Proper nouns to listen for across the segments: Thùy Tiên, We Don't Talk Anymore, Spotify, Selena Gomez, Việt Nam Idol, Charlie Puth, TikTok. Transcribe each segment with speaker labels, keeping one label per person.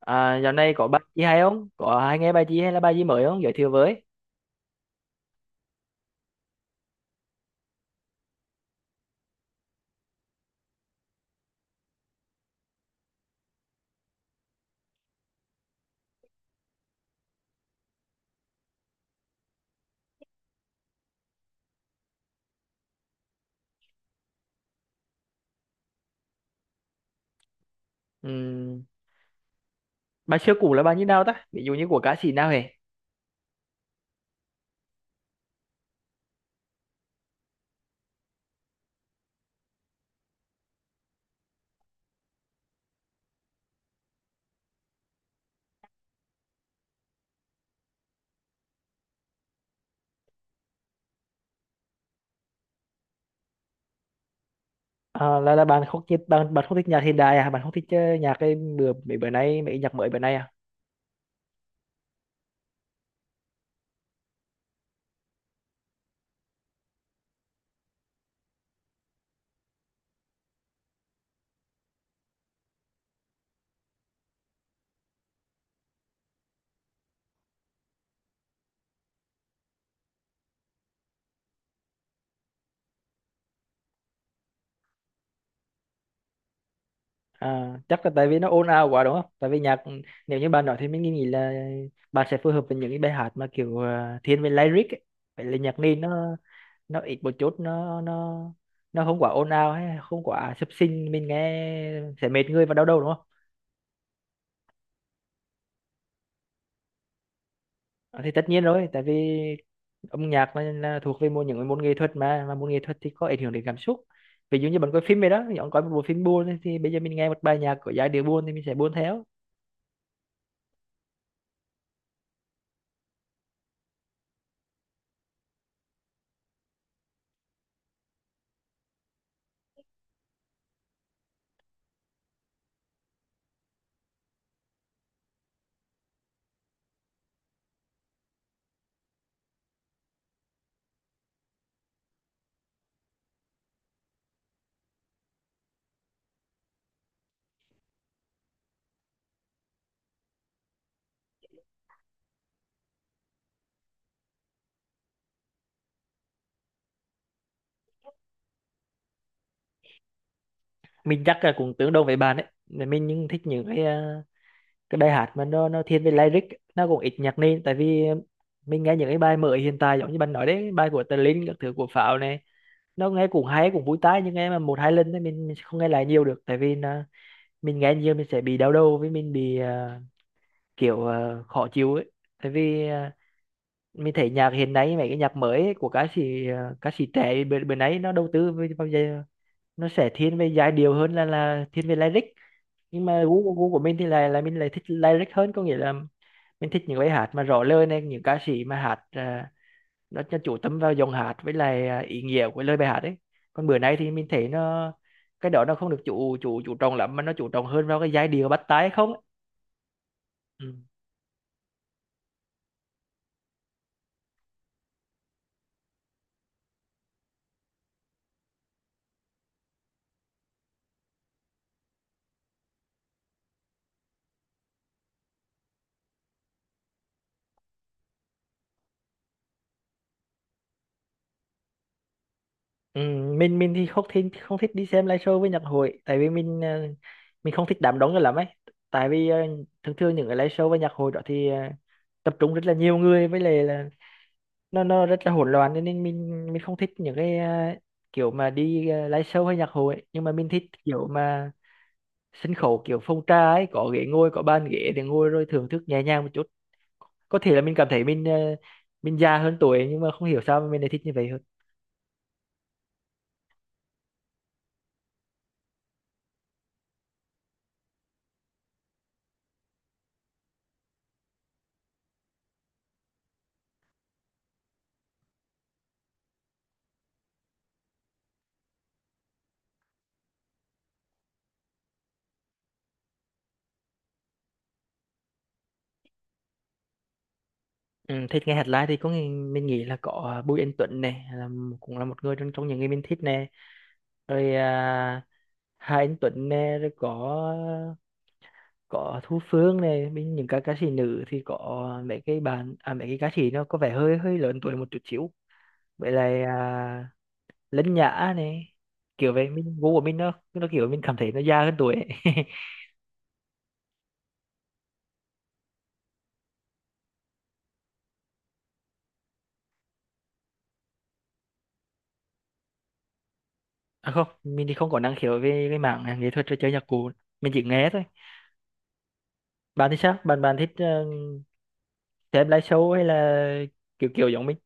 Speaker 1: À, dạo này có bài gì hay không? Có hay nghe bài gì hay là bài gì mới không? Giới thiệu với. Ừm, bài xưa cũ là bài như nào ta? Ví dụ như của ca sĩ nào hề? À, là bạn không thích nhạc hiện đại à? Bạn không thích nhạc cái bữa mấy bữa nay mấy nhạc mới bữa nay à? À, chắc là tại vì nó ồn ào quá đúng không? Tại vì nhạc nếu như bạn nói thì mình nghĩ là bạn sẽ phù hợp với những cái bài hát mà kiểu thiên về lyric ấy. Phải là nhạc nền nó ít một chút nó nó không quá ồn ào hay không quá sập sình mình nghe sẽ mệt người và đau đầu đúng không? Ờ, thì tất nhiên rồi tại vì âm nhạc là thuộc về một những môn nghệ thuật mà môn nghệ thuật thì có ảnh hưởng đến cảm xúc. Ví dụ như bạn coi phim vậy đó, bạn coi một bộ phim buồn ấy, thì bây giờ mình nghe một bài nhạc có giai điệu buồn thì mình sẽ buồn theo. Mình chắc là cũng tương đương với bạn ấy. Mà mình nhưng thích những cái cái bài hát mà nó thiên về lyric, nó cũng ít nhạc nền tại vì mình nghe những cái bài mới hiện tại giống như bạn nói đấy, bài của Tờ Linh các thứ, của Pháo này, nó nghe cũng hay cũng vui tai nhưng nghe mà một hai lần thì mình sẽ không nghe lại nhiều được tại vì là mình nghe nhiều mình sẽ bị đau đầu, với mình bị kiểu khó chịu ấy. Tại vì mình thấy nhạc hiện nay mấy cái nhạc mới ấy, của ca sĩ ca sĩ trẻ bên bên ấy, nó đầu tư về- bao giờ nó sẽ thiên về giai điệu hơn là thiên về lyric. Nhưng mà gu của mình thì là mình lại thích lyric hơn, có nghĩa là mình thích những bài hát mà rõ lời này, những ca sĩ mà hát à, nó chủ tâm vào dòng hát với lại à, ý nghĩa của lời bài hát ấy. Còn bữa nay thì mình thấy nó, cái đó nó không được chủ chủ chủ trọng lắm mà nó chủ trọng hơn vào cái giai điệu bắt tai không ấy. Ừ. Ừ, mình thì không thích đi xem live show với nhạc hội, tại vì mình mình không thích đám đông cho lắm ấy. Tại vì thường thường những cái live show với nhạc hội đó thì tập trung rất là nhiều người với lại là nó rất là hỗn loạn, cho nên mình không thích những cái kiểu mà đi live show hay nhạc hội ấy. Nhưng mà mình thích kiểu mà sân khấu kiểu phong trà ấy, có ghế ngồi, có bàn ghế để ngồi rồi thưởng thức nhẹ nhàng một chút. Có thể là mình cảm thấy mình mình già hơn tuổi nhưng mà không hiểu sao mà mình lại thích như vậy hơn. Ừ, thích nghe hát live thì có nghe, mình nghĩ là có à, Bùi Anh Tuấn này là cũng là một người trong trong những người mình thích nè. Rồi à, Hà Anh Tuấn nè, rồi có Thu Phương này. Bên những ca ca sĩ nữ thì có mấy cái bạn à, mấy cái ca sĩ nó có vẻ hơi hơi lớn tuổi một chút xíu, vậy là à, Lân Nhã này, kiểu vậy. Mình gu của mình nó kiểu mình cảm thấy nó già hơn tuổi ấy. À không, mình thì không có năng khiếu về cái mảng nghệ thuật trò chơi nhạc cụ, mình chỉ nghe thôi. Bạn thì sao, bạn bạn thích xem live show hay là kiểu kiểu giống mình?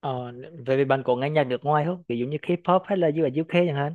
Speaker 1: ờ, Về bạn có nghe nhạc nước ngoài không, ví dụ như K-pop hay là US UK chẳng hạn?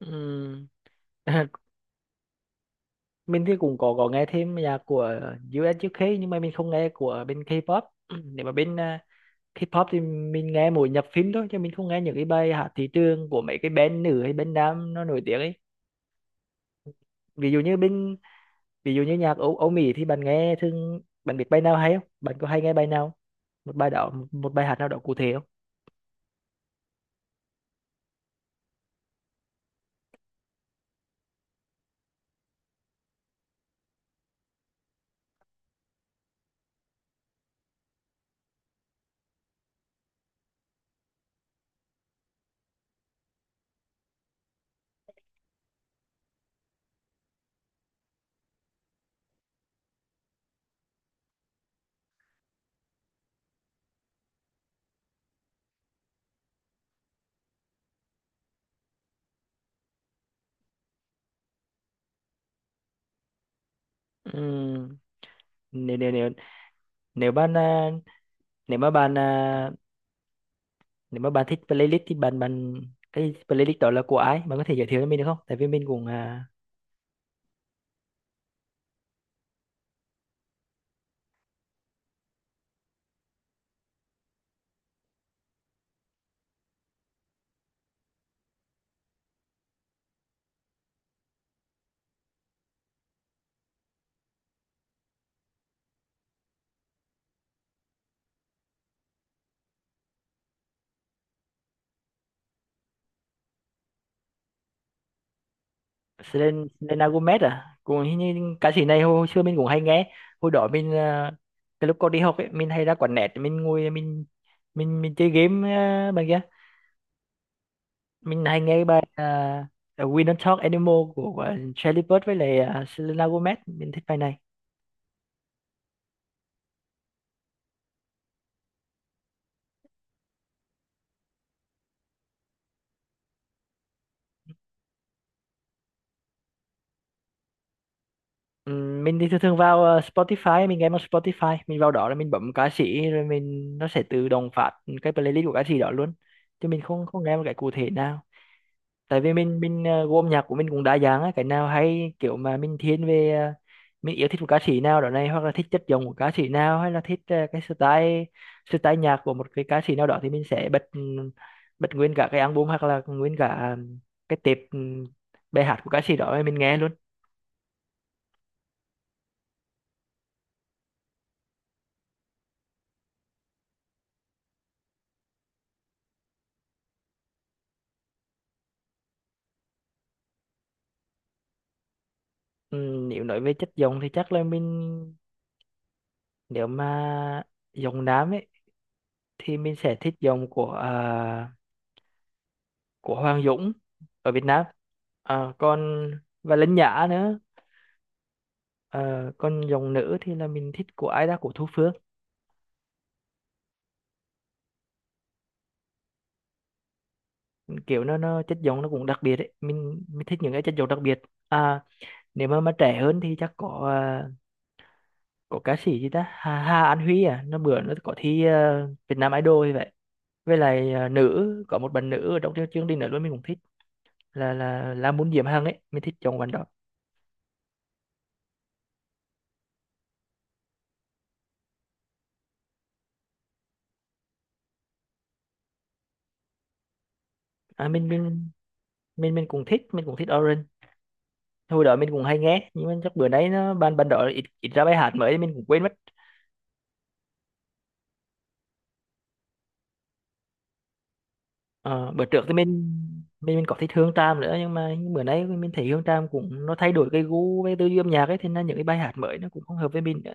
Speaker 1: Ừm, mình thì cũng có nghe thêm nhạc của US UK nhưng mà mình không nghe của bên K-pop. Nếu mà bên à, K-pop thì mình nghe mỗi nhạc phim thôi, chứ mình không nghe những cái bài hát thị trường của mấy cái band nữ hay band nam nó nổi tiếng ấy. ví dụ như bên Ví dụ như nhạc Âu, Âu Mỹ thì bạn nghe thường, bạn biết bài nào hay không, bạn có hay nghe bài nào một bài đó một bài hát nào đó cụ thể không? Ừ. Nếu nếu bạn à, nếu mà bạn à, nếu mà bạn thích playlist thì bạn bạn cái playlist đó là của ai, bạn có thể giới thiệu cho mình được không, tại vì mình cũng à, Selen- Selena Gomez à, cũng hình như ca sĩ này hồi xưa mình cũng hay nghe. Hồi đó mình à, cái lúc còn đi học ấy, mình hay ra quán net mình ngồi mình chơi game à, bằng kia mình hay nghe cái bài à, We Don't Talk Anymore của Charlie Puth với lại à, Selena Gomez, mình thích bài này. Mình thì thường thường vào Spotify, mình nghe một Spotify mình vào đó rồi mình bấm ca sĩ rồi mình nó sẽ tự động phát cái playlist của ca sĩ đó luôn, chứ mình không không nghe một cái cụ thể nào. Tại vì mình gu âm nhạc của mình cũng đa dạng á, cái nào hay kiểu mà mình thiên về mình yêu thích một ca sĩ nào đó này, hoặc là thích chất giọng của ca sĩ nào, hay là thích cái style style nhạc của một cái ca sĩ nào đó thì mình sẽ bật bật nguyên cả cái album, hoặc là nguyên cả cái tệp bài hát của ca sĩ đó mình nghe luôn. Ừ, nếu nói về chất giọng thì chắc là mình, nếu mà giọng nam ấy thì mình sẽ thích giọng của à, của Hoàng Dũng ở Việt Nam. À, còn và Linh Nhã nữa. À, còn giọng nữ thì là mình thích của ai đó, của Thu Phương. Kiểu nó chất giọng nó cũng đặc biệt ấy, mình thích những cái chất giọng đặc biệt. À, nếu mà trẻ hơn thì chắc có à, có ca sĩ gì ta, Hà An Huy, à nó bữa nó có thi à, Việt Nam Idol như vậy. Với lại à, nữ có một bạn nữ ở trong chương chương trình nữa luôn mình cũng thích, là là muốn Diễm Hằng ấy, mình thích chọn bạn đó. À mình cũng thích mình cũng thích Orange, hồi đó mình cũng hay nghe nhưng mà chắc bữa nay nó ban ban đó ít, ít ra bài hát mới mình cũng quên mất. Ờ, bữa trước thì mình có thích Hương Tràm nữa nhưng mà bữa nay mình thấy Hương Tràm cũng nó thay đổi cái gu với tư duy âm nhạc ấy, thế nên những cái bài hát mới nó cũng không hợp với mình nữa.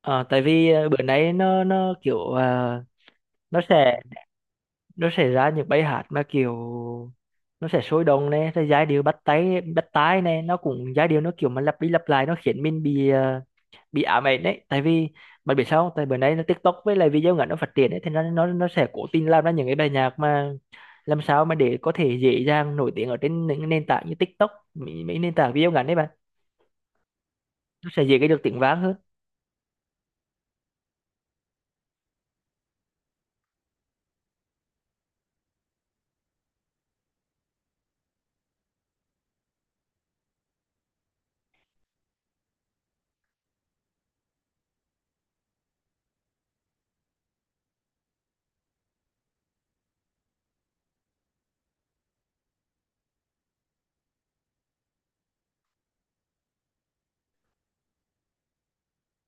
Speaker 1: Ờ, tại vì bữa nay nó kiểu nó sẽ nó sẽ ra những bài hát mà kiểu nó sẽ sôi động này rồi giai điệu bắt tai này, nó cũng giai điệu nó kiểu mà lặp đi lặp lại, nó khiến mình bị bị ám ảnh đấy. Tại vì bạn biết sao không? Tại bữa nay nó TikTok với lại video ngắn nó phát triển ấy, thì nó nó sẽ cố tình làm ra những cái bài nhạc mà làm sao mà để có thể dễ dàng nổi tiếng ở trên những nền tảng như TikTok, mấy nền tảng video ngắn đấy bạn, nó sẽ dễ cái được tiếng vang hơn.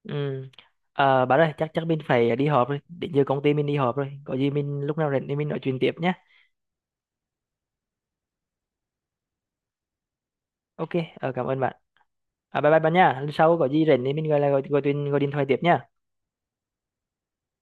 Speaker 1: Ừ. À, bạn ơi chắc chắc mình phải đi họp rồi, định giờ công ty mình đi họp rồi, có gì mình lúc nào rảnh thì mình nói chuyện tiếp nhé. OK, ờ, cảm ơn bạn. À, bye bye bạn nha. Lần sau có gì rảnh thì mình gọi là gọi, gọi điện thoại tiếp nha.